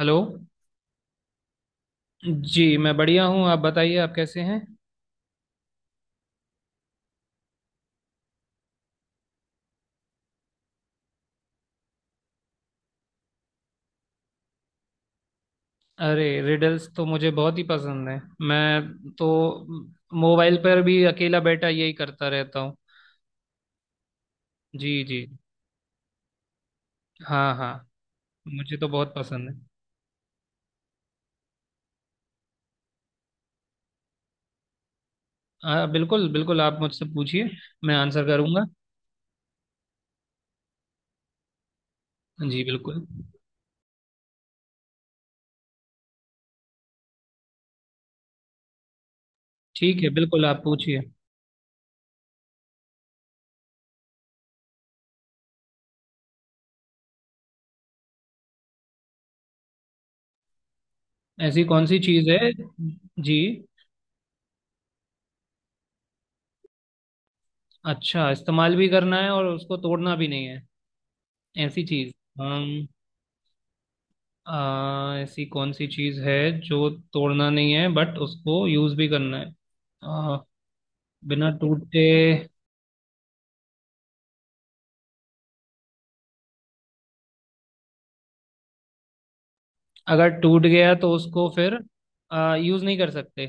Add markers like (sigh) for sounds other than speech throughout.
Hello. जी, मैं बढ़िया हूँ। आप बताइए, आप कैसे हैं? अरे, रिडल्स तो मुझे बहुत ही पसंद है। मैं तो मोबाइल पर भी अकेला बैठा यही करता रहता हूँ। जी जी। हाँ हाँ। मुझे तो बहुत पसंद है। हाँ, बिल्कुल बिल्कुल, आप मुझसे पूछिए। मैं आंसर करूँगा। जी बिल्कुल। ठीक है, बिल्कुल, आप पूछिए। ऐसी कौन सी चीज़ है? जी, अच्छा, इस्तेमाल भी करना है और उसको तोड़ना भी नहीं है? ऐसी चीज़। ऐसी कौन सी चीज है जो तोड़ना नहीं है, बट उसको यूज भी करना है। आ, बिना टूटे। अगर टूट गया तो उसको फिर यूज नहीं कर सकते।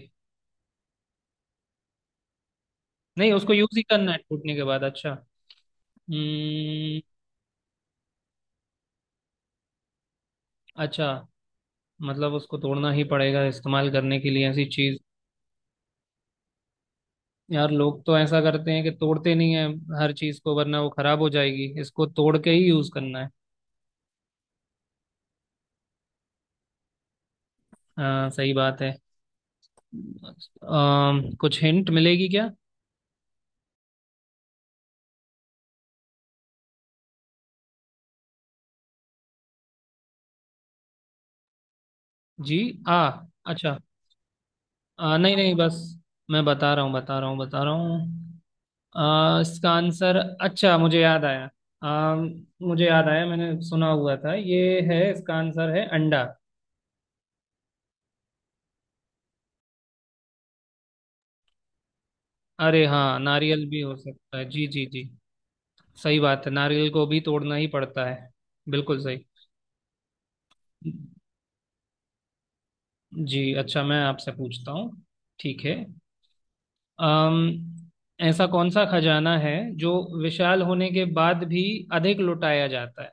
नहीं, उसको यूज ही करना है टूटने के बाद। अच्छा। हम्म। अच्छा, मतलब उसको तोड़ना ही पड़ेगा इस्तेमाल करने के लिए? ऐसी चीज। यार, लोग तो ऐसा करते हैं कि तोड़ते नहीं है हर चीज को, वरना वो खराब हो जाएगी। इसको तोड़ के ही यूज करना है। सही बात है। आ, कुछ हिंट मिलेगी क्या? जी। आ। अच्छा। नहीं नहीं, बस। मैं बता रहा हूँ, बता रहा हूँ, बता रहा हूँ। इसका आंसर। अच्छा, मुझे याद आया। आ, मुझे याद आया, मैंने सुना हुआ था, ये है, इसका आंसर है अंडा। अरे हाँ, नारियल भी हो सकता है। जी जी जी। सही बात है, नारियल को भी तोड़ना ही पड़ता है। बिल्कुल सही। जी, अच्छा, मैं आपसे पूछता हूँ। ठीक है। अम, ऐसा कौन सा खजाना है जो विशाल होने के बाद भी अधिक लुटाया जाता है?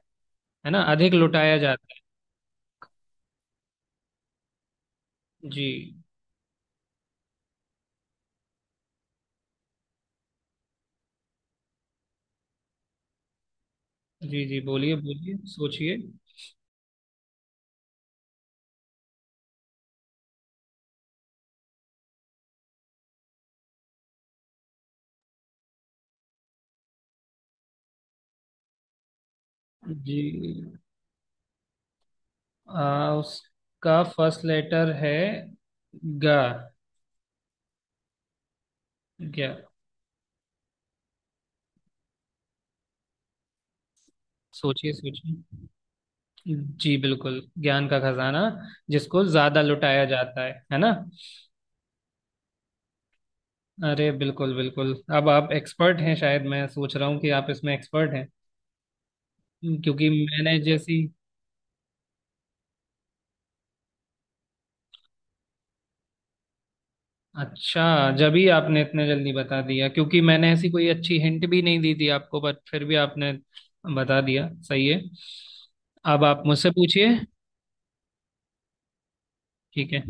है ना, अधिक लुटाया जाता है। जी। जी जी, बोलिए बोलिए, सोचिए। जी। उसका फर्स्ट लेटर है ग। क्या? सोचिए सोचिए। जी बिल्कुल, ज्ञान का खजाना जिसको ज्यादा लुटाया जाता है ना। अरे बिल्कुल बिल्कुल, अब आप एक्सपर्ट हैं। शायद मैं सोच रहा हूँ कि आप इसमें एक्सपर्ट हैं क्योंकि मैंने जैसी। अच्छा, जब ही आपने इतने जल्दी बता दिया, क्योंकि मैंने ऐसी कोई अच्छी हिंट भी नहीं दी थी आपको, बट फिर भी आपने बता दिया। सही है। अब आप मुझसे पूछिए। ठीक है।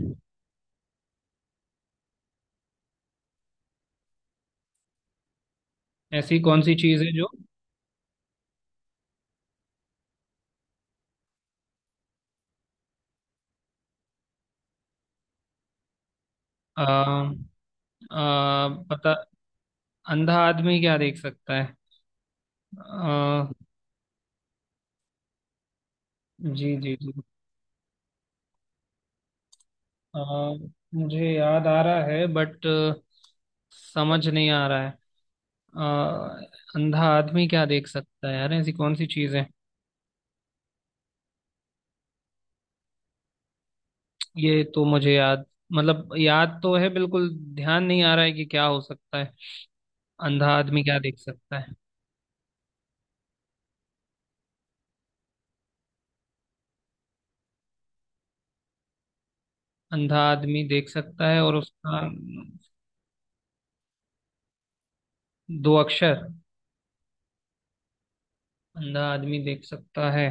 ऐसी कौन सी चीज़ है जो आ, आ, पता, अंधा आदमी क्या देख सकता है? आ, जी जी जी। आ, मुझे याद आ रहा है बट समझ नहीं आ रहा है। आ, अंधा आदमी क्या देख सकता है यार? ऐसी कौन सी चीज़ है? ये तो मुझे याद, मतलब याद तो है बिल्कुल। ध्यान नहीं आ रहा है कि क्या हो सकता है। अंधा आदमी क्या देख सकता है? अंधा आदमी देख सकता है और उसका दो अक्षर। अंधा आदमी देख सकता है।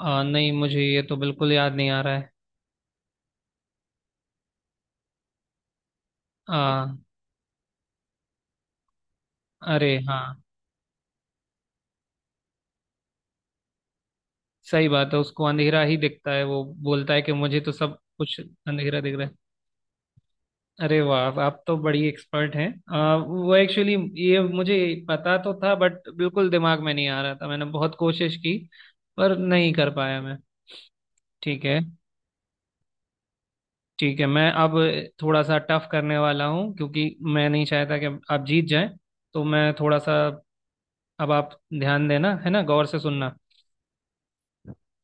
नहीं, मुझे ये तो बिल्कुल याद नहीं आ रहा है। आ, अरे हाँ। सही बात है, उसको अंधेरा ही दिखता है। वो बोलता है कि मुझे तो सब कुछ अंधेरा दिख रहा है। अरे वाह, आप तो बड़ी एक्सपर्ट हैं। वो एक्चुअली ये मुझे पता तो था, बट बिल्कुल दिमाग में नहीं आ रहा था। मैंने बहुत कोशिश की पर नहीं कर पाया मैं। ठीक है। ठीक है, मैं अब थोड़ा सा टफ करने वाला हूँ क्योंकि मैं नहीं चाहता कि आप जीत जाएं। तो मैं थोड़ा सा, अब आप ध्यान देना, है ना, गौर से सुनना।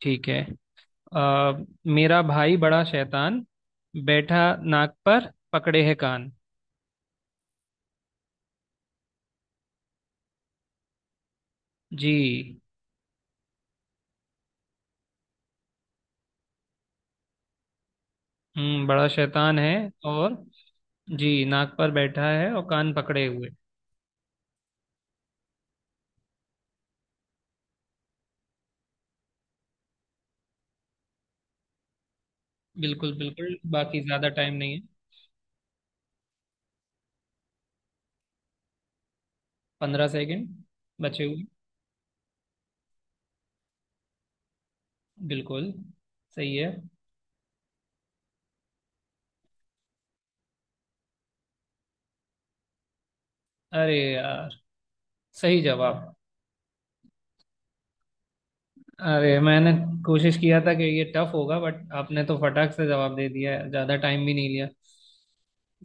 ठीक है। आ, मेरा भाई बड़ा शैतान, बैठा नाक पर पकड़े है कान। जी। हम्म। बड़ा शैतान है। और। जी, नाक पर बैठा है और कान पकड़े हुए। बिल्कुल बिल्कुल, बाकी ज्यादा टाइम नहीं है। 15 सेकंड बचे हुए। बिल्कुल। सही है। अरे यार, सही जवाब। अरे मैंने कोशिश किया था कि ये टफ होगा, बट आपने तो फटाक से जवाब दे दिया है, ज्यादा टाइम भी नहीं लिया।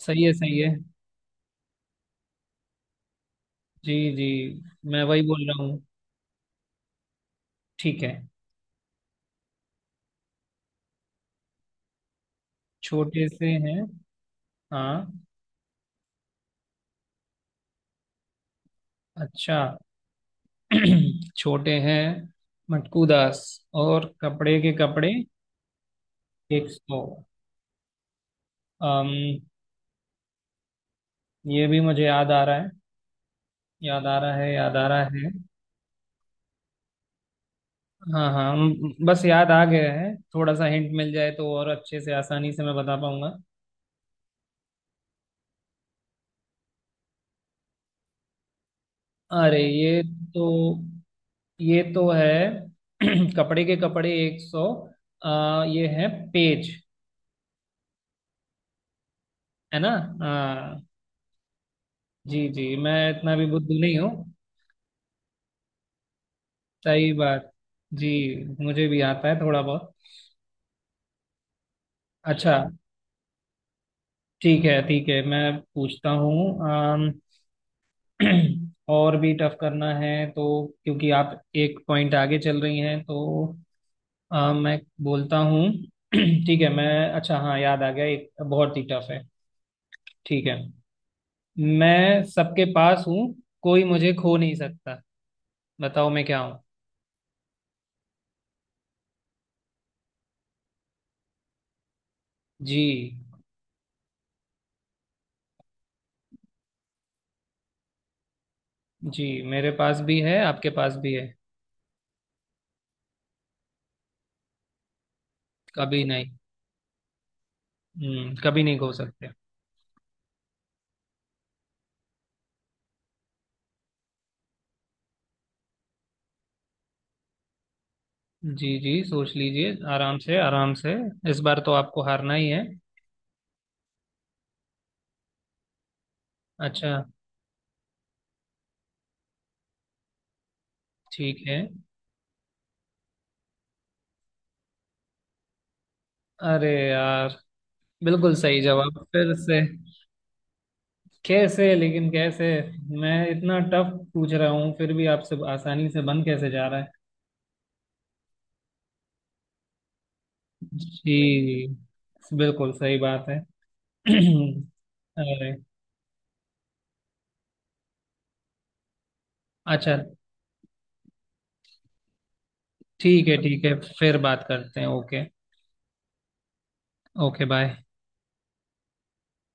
सही है, सही है। जी जी, मैं वही बोल रहा हूँ। ठीक है। छोटे से हैं। हाँ। अच्छा। (clears throat) छोटे हैं मटकू दास, और कपड़े के कपड़े 100। अम ये भी मुझे याद आ रहा है। याद आ रहा है, याद आ रहा है। हाँ हाँ, बस याद आ गया है। थोड़ा सा हिंट मिल जाए तो और अच्छे से आसानी से मैं बता पाऊंगा। अरे, ये तो, ये तो है। (clears throat) कपड़े के कपड़े एक सौ। ये है पेज। है ना? हाँ। जी जी, मैं इतना भी बुद्धू नहीं हूँ। सही बात। जी। मुझे भी आता है थोड़ा बहुत। अच्छा। ठीक है, ठीक है, मैं पूछता हूँ। (clears throat) और भी टफ करना है तो, क्योंकि आप एक पॉइंट आगे चल रही हैं, तो मैं बोलता हूँ। (clears throat) ठीक है। मैं, अच्छा हाँ, याद आ गया, एक बहुत ही टफ है। ठीक है। मैं सबके पास हूँ, कोई मुझे खो नहीं सकता। बताओ मैं क्या हूँ? जी। जी, मेरे पास भी है, आपके पास भी है। कभी नहीं। कभी नहीं खो सकते। जी जी, सोच लीजिए, आराम से, आराम से। इस बार तो आपको हारना ही है। अच्छा। ठीक है। अरे यार, बिल्कुल सही जवाब फिर से। कैसे, लेकिन कैसे? मैं इतना टफ पूछ रहा हूँ, फिर भी आपसे आसानी से बन कैसे जा रहा है? जी। जी बिल्कुल सही बात है। (clears throat) अरे। अच्छा। ठीक है, ठीक है, फिर बात करते हैं। ओके। Okay bye.